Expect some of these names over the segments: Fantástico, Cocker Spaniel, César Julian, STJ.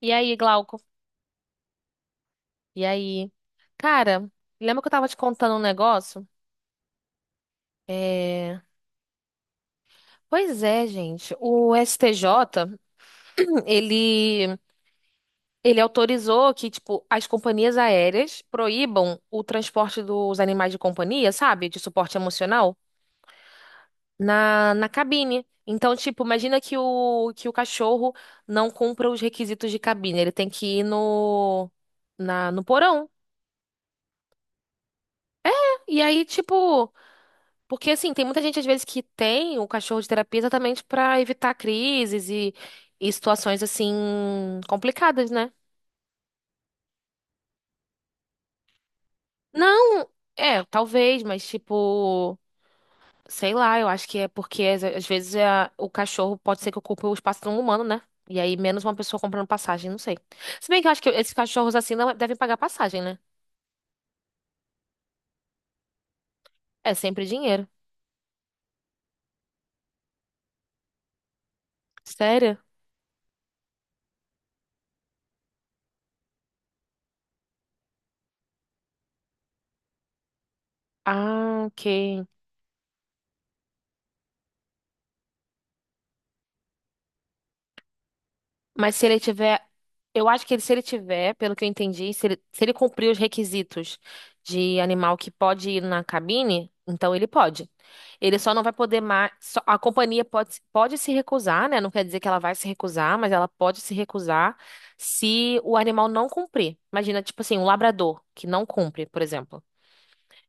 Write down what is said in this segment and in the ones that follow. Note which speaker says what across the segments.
Speaker 1: E aí, Glauco? E aí? Cara, lembra que eu tava te contando um negócio? É... Pois é, gente. O STJ, ele, ele autorizou que, tipo, as companhias aéreas proíbam o transporte dos animais de companhia, sabe? De suporte emocional, na cabine. Então, tipo, imagina que o cachorro não cumpra os requisitos de cabine. Ele tem que ir no, na, no porão. E aí, tipo. Porque, assim, tem muita gente, às vezes, que tem o cachorro de terapia exatamente pra evitar crises e situações, assim, complicadas, né? Não, é, talvez, mas, tipo, sei lá, eu acho que é porque, às vezes, o cachorro pode ser que ocupe o espaço de um humano, né? E aí, menos uma pessoa comprando passagem, não sei. Se bem que eu acho que esses cachorros, assim, não devem pagar passagem, né? É sempre dinheiro. Sério? Ah, ok. Mas se ele tiver, eu acho que ele, se ele tiver, pelo que eu entendi, se ele cumprir os requisitos de animal que pode ir na cabine, então ele pode. Ele só não vai poder mais. A companhia pode se recusar, né? Não quer dizer que ela vai se recusar, mas ela pode se recusar se o animal não cumprir. Imagina, tipo assim, um labrador que não cumpre, por exemplo.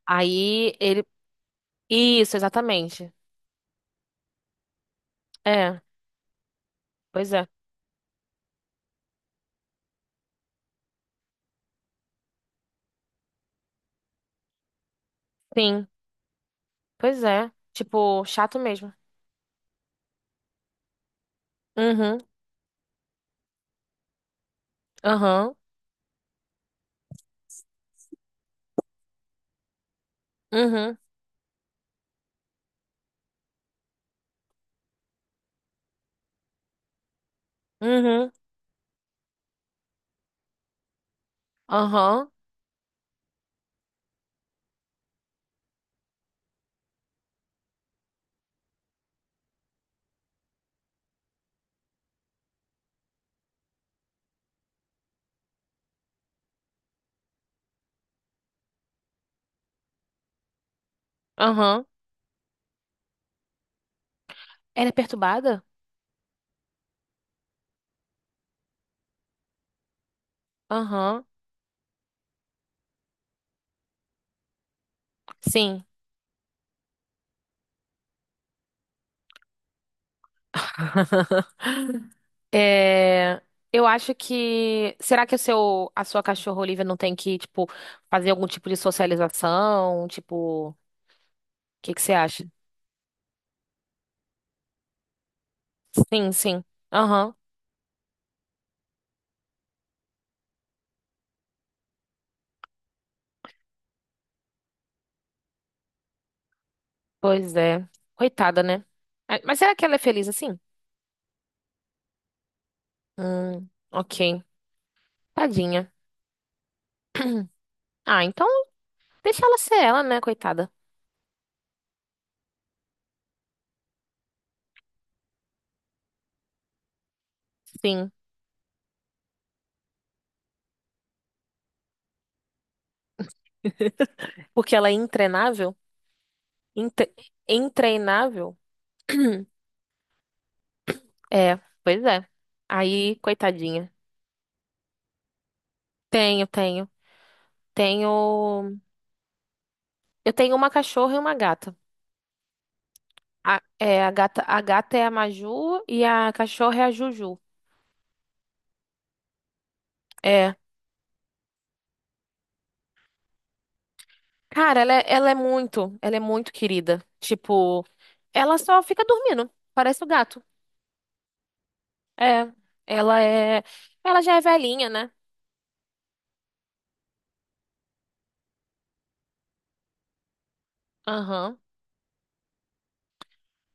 Speaker 1: Aí ele. Isso, exatamente. É, pois é. Sim, pois é. Tipo, chato mesmo. Uhum, aham. Uhum. Uhum. Aham. Aham. Ela é perturbada? Aham. Sim. É, eu acho que. Será que a sua cachorra Olivia não tem que, tipo, fazer algum tipo de socialização? Tipo, o que que você acha? Sim, sim. Aham. Pois é. Coitada, né? Ah, mas será que ela é feliz assim? Ok. Tadinha. Ah, então deixa ela ser ela, né, coitada? Sim. Porque ela é intreinável? Intre... Intreinável? É, pois é. Aí, coitadinha. Tenho, tenho. Tenho. Eu tenho uma cachorra e uma gata. A gata, a gata é a Maju e a cachorra é a Juju. É. Cara, ela é muito querida. Tipo, ela só fica dormindo. Parece o gato. É. Ela é. Ela já é velhinha, né? Aham.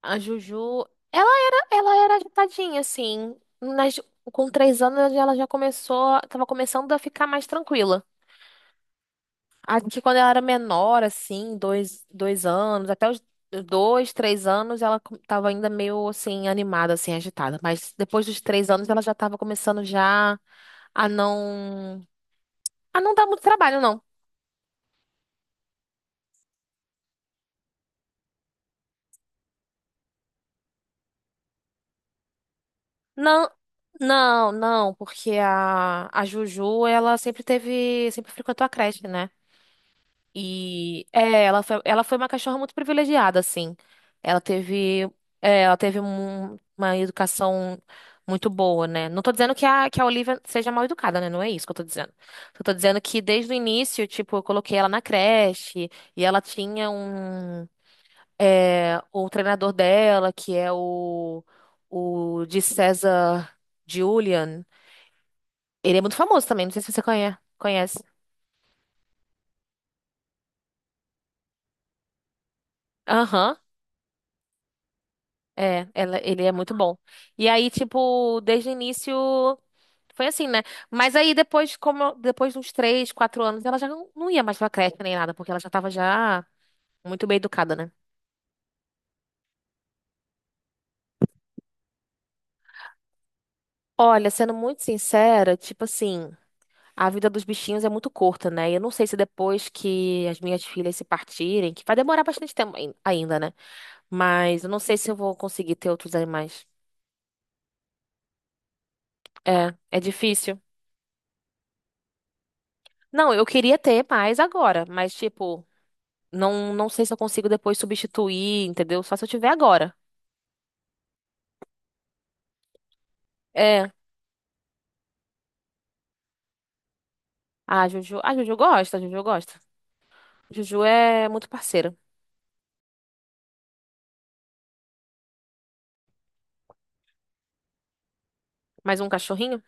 Speaker 1: A Juju. Ela era agitadinha, assim. Nas, com três anos ela já começou. Tava começando a ficar mais tranquila. Acho que quando ela era menor, assim, dois anos, até os dois, 3 anos, tava ainda meio, assim, animada, assim, agitada. Mas depois dos 3 anos, ela já tava começando já a não... A não dar muito trabalho, não. Não, não, não, porque a Juju, ela sempre teve... Sempre frequentou a creche, né? E é, ela foi uma cachorra muito privilegiada, assim. Ela teve, é, ela teve uma educação muito boa, né? Não tô dizendo que a Olivia seja mal educada, né? Não é isso que eu tô dizendo. Eu tô dizendo que desde o início, tipo, eu coloquei ela na creche e ela tinha um, é, o treinador dela, que é o de César Julian. Ele é muito famoso também, não sei se você conhece. Conhece. Aham. É, ela, ele é muito bom. E aí, tipo, desde o início foi assim, né? Mas aí depois, como depois de uns 3, 4 anos, ela já não ia mais pra creche nem nada, porque ela já tava já muito bem educada, né? Olha, sendo muito sincera, tipo assim, a vida dos bichinhos é muito curta, né? E eu não sei se depois que as minhas filhas se partirem, que vai demorar bastante tempo ainda, né? Mas eu não sei se eu vou conseguir ter outros animais. É, é difícil. Não, eu queria ter mais agora, mas tipo não, não sei se eu consigo depois substituir, entendeu? Só se eu tiver agora. É. Ah, a Juju. Ah, Juju gosta, a Juju gosta. Juju é muito parceira. Mais um cachorrinho?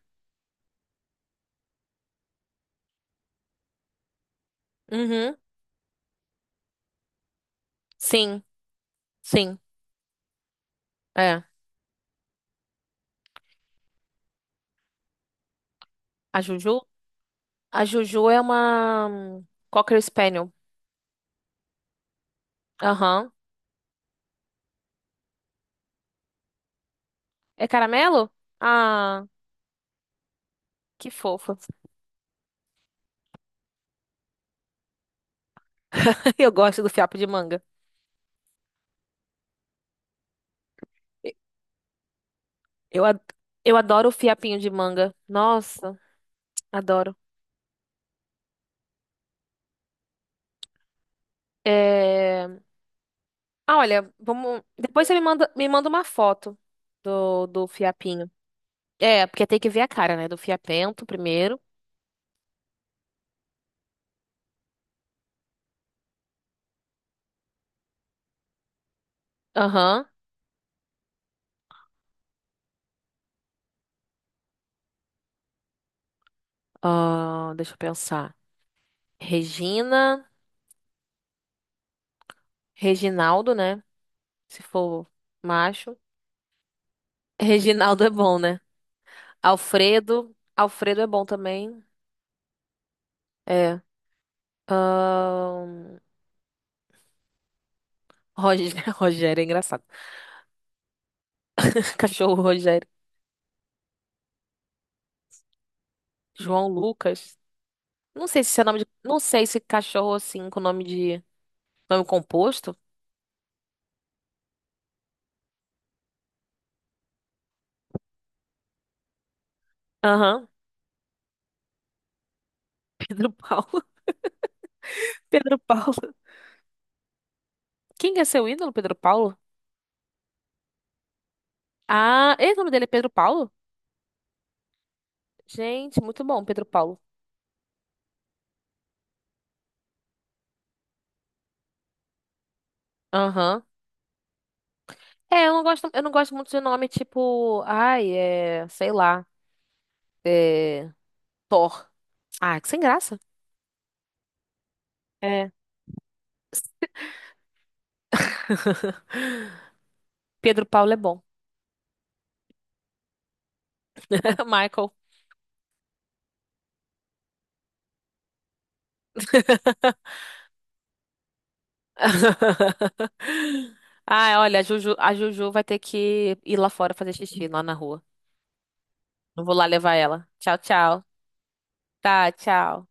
Speaker 1: Uhum. Sim, sim. É. A Juju? A Juju é uma Cocker Spaniel. Aham. É caramelo? Ah, que fofa. Eu gosto do fiapo de manga. Eu, ad- eu adoro o fiapinho de manga. Nossa, adoro. É. Ah, olha, vamos. Depois você me manda uma foto do, do fiapinho. É, porque tem que ver a cara, né? Do fiapento primeiro. Aham. Ah, deixa eu pensar. Regina. Reginaldo, né? Se for macho. Reginaldo é bom, né? Alfredo. Alfredo é bom também. É. Ahn, Roger... Rogério é engraçado. Cachorro Rogério. João Lucas. Não sei se esse é nome de. Não sei se cachorro assim com nome de. Nome composto. Aham. Pedro Paulo. Pedro Paulo. Quem que é seu ídolo, Pedro Paulo? Ah, e o nome dele é Pedro Paulo? Gente, muito bom, Pedro Paulo. Aham. É, eu não gosto muito de nome tipo, ai, é, sei lá, é, Thor. Ah, que sem graça. É. Pedro Paulo é bom. Michael. Ah, olha, a Juju vai ter que ir lá fora fazer xixi lá na rua. Não vou lá levar ela. Tchau, tchau. Tá, tchau.